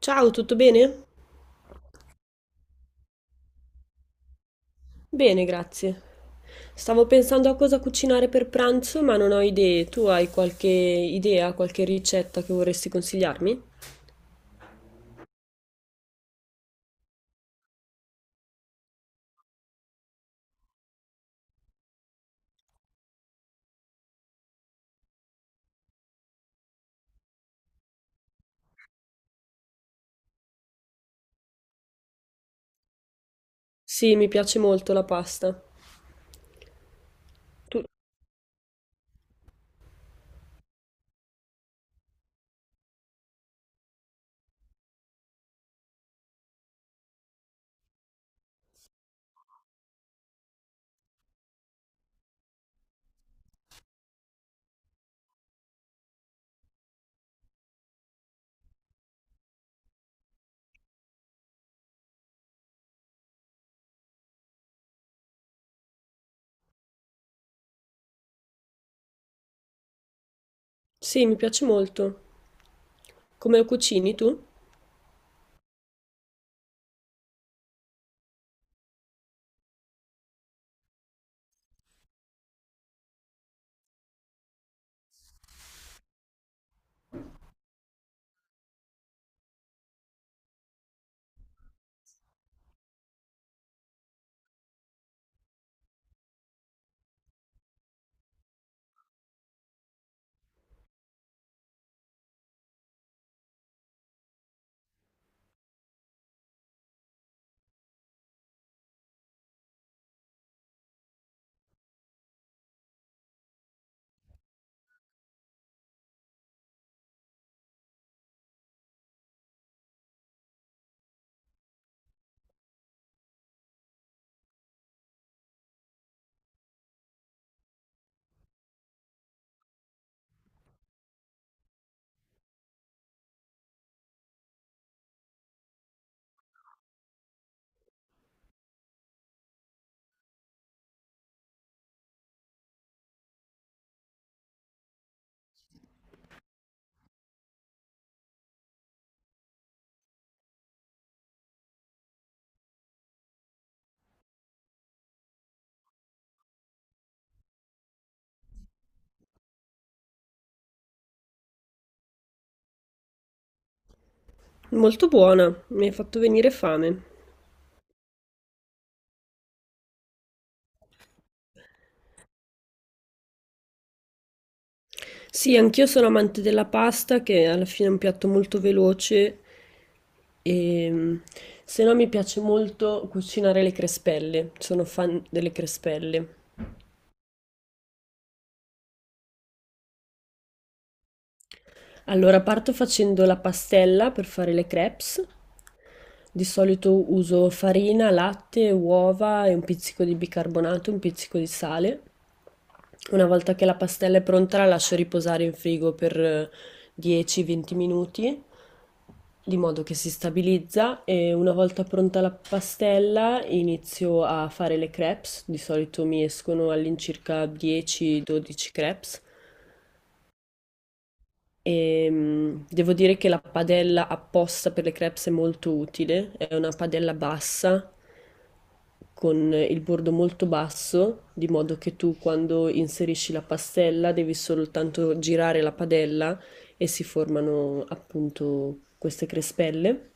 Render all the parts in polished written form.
Ciao, tutto bene? Bene, grazie. Stavo pensando a cosa cucinare per pranzo, ma non ho idee. Tu hai qualche idea, qualche ricetta che vorresti consigliarmi? Sì, mi piace molto la pasta. Tu? Sì, mi piace molto. Come la cucini tu? Molto buona, mi hai fatto venire fame. Sì, anch'io sono amante della pasta, che alla fine è un piatto molto veloce e se no mi piace molto cucinare le crespelle. Sono fan delle crespelle. Allora parto facendo la pastella per fare le crepes. Di solito uso farina, latte, uova e un pizzico di bicarbonato, un pizzico di sale. Una volta che la pastella è pronta la lascio riposare in frigo per 10-20 minuti, di modo che si stabilizza e una volta pronta la pastella inizio a fare le crepes. Di solito mi escono all'incirca 10-12 crepes. Devo dire che la padella apposta per le crepes è molto utile, è una padella bassa con il bordo molto basso, di modo che tu quando inserisci la pastella devi soltanto girare la padella e si formano appunto queste crespelle.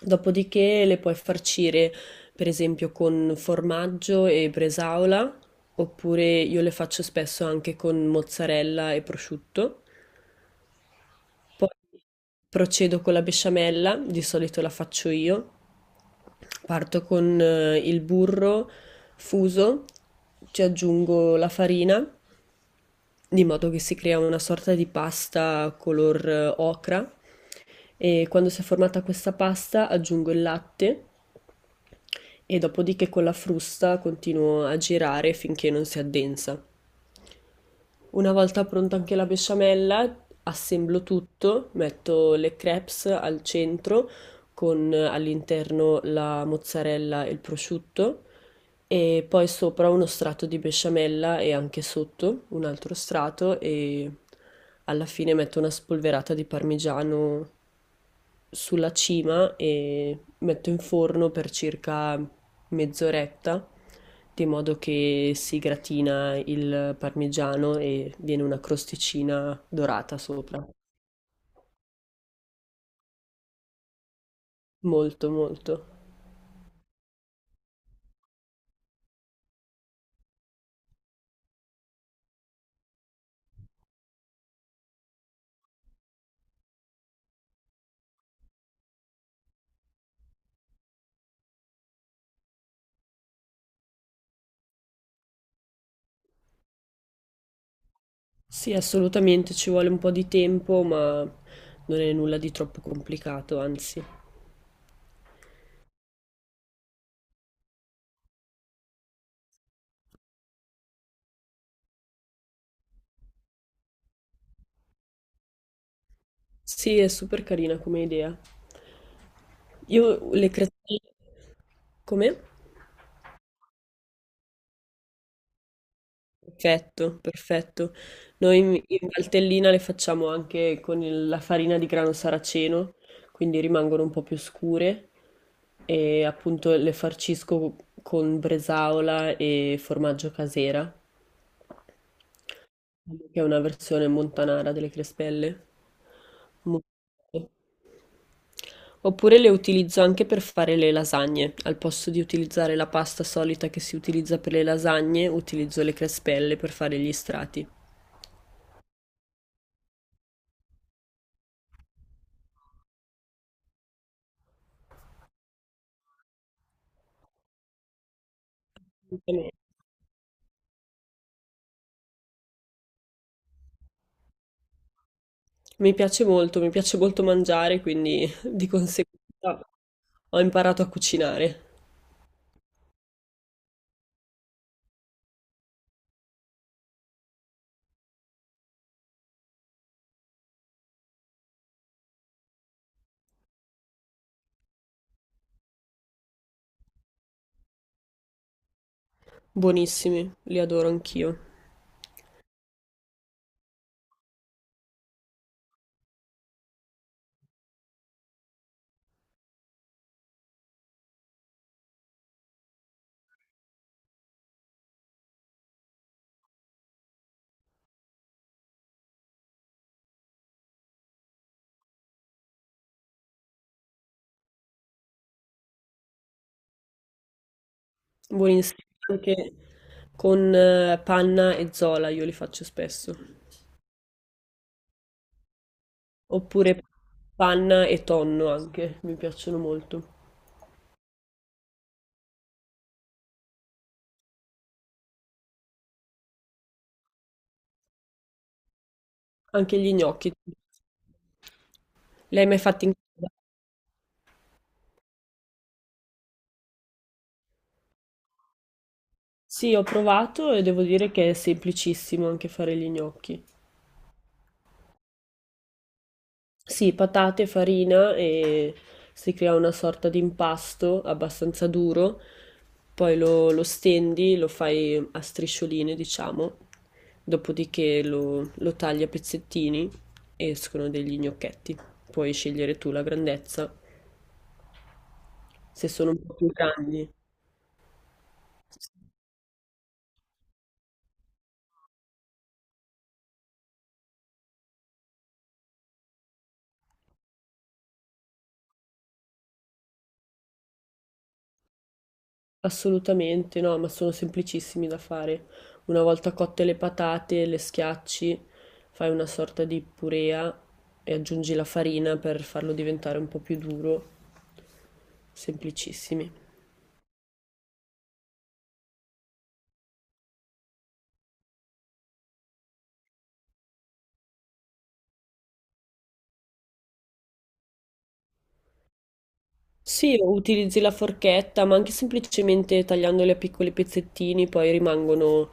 Dopodiché le puoi farcire per esempio con formaggio e bresaola, oppure io le faccio spesso anche con mozzarella e prosciutto. Poi procedo con la besciamella, di solito la faccio io. Parto con il burro fuso, ci aggiungo la farina, di modo che si crea una sorta di pasta color ocra. E quando si è formata questa pasta aggiungo il latte e dopodiché con la frusta continuo a girare finché non si addensa. Una volta pronta anche la besciamella, assemblo tutto, metto le crepes al centro con all'interno la mozzarella e il prosciutto e poi sopra uno strato di besciamella e anche sotto un altro strato e alla fine metto una spolverata di parmigiano sulla cima e metto in forno per circa mezz'oretta, di modo che si gratina il parmigiano e viene una crosticina dorata sopra. Molto, molto. Sì, assolutamente, ci vuole un po' di tempo, ma non è nulla di troppo complicato, anzi. Sì, è super carina come idea. Io le crestine... Come? Perfetto, perfetto. Noi in Valtellina le facciamo anche con la farina di grano saraceno, quindi rimangono un po' più scure e appunto le farcisco con bresaola e formaggio casera, che è una versione montanara delle crespelle. Molto buone. Oppure le utilizzo anche per fare le lasagne. Al posto di utilizzare la pasta solita che si utilizza per le lasagne, utilizzo le crespelle per fare gli strati. Mi piace molto mangiare, quindi di conseguenza ho imparato a cucinare. Buonissimi, li adoro anch'io. Buonissimi anche con panna e zola, io li faccio spesso. Oppure panna e tonno anche, mi piacciono molto. Anche gli gnocchi. Li hai mai fatti in casa? Sì, ho provato e devo dire che è semplicissimo anche fare gli gnocchi. Sì, patate, farina e si crea una sorta di impasto abbastanza duro, poi lo stendi, lo fai a striscioline, diciamo, dopodiché lo tagli a pezzettini e escono degli gnocchetti. Puoi scegliere tu la grandezza, se sono un po' più grandi. Assolutamente, no, ma sono semplicissimi da fare. Una volta cotte le patate, le schiacci, fai una sorta di purea e aggiungi la farina per farlo diventare un po' più duro. Semplicissimi. Sì, o utilizzi la forchetta, ma anche semplicemente tagliandoli a piccoli pezzettini, poi rimangono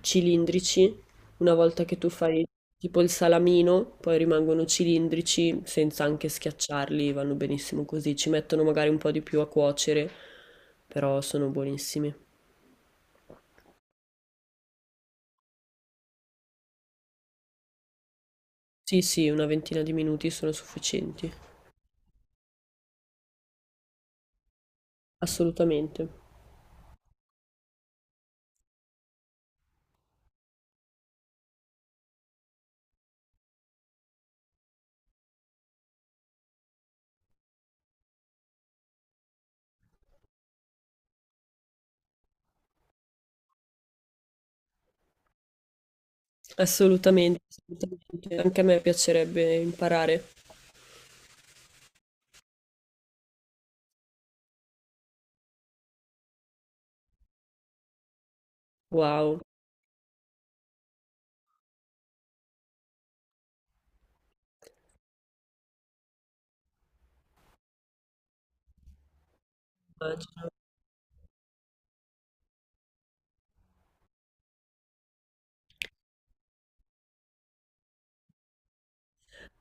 cilindrici, una volta che tu fai tipo il salamino, poi rimangono cilindrici senza anche schiacciarli, vanno benissimo così, ci mettono magari un po' di più a cuocere, però sono buonissimi. Sì, sì, una ventina di minuti sono sufficienti, assolutamente, assolutamente. Anche a me piacerebbe imparare. Wow, immagino.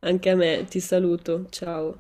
Anche a me, ti saluto, ciao.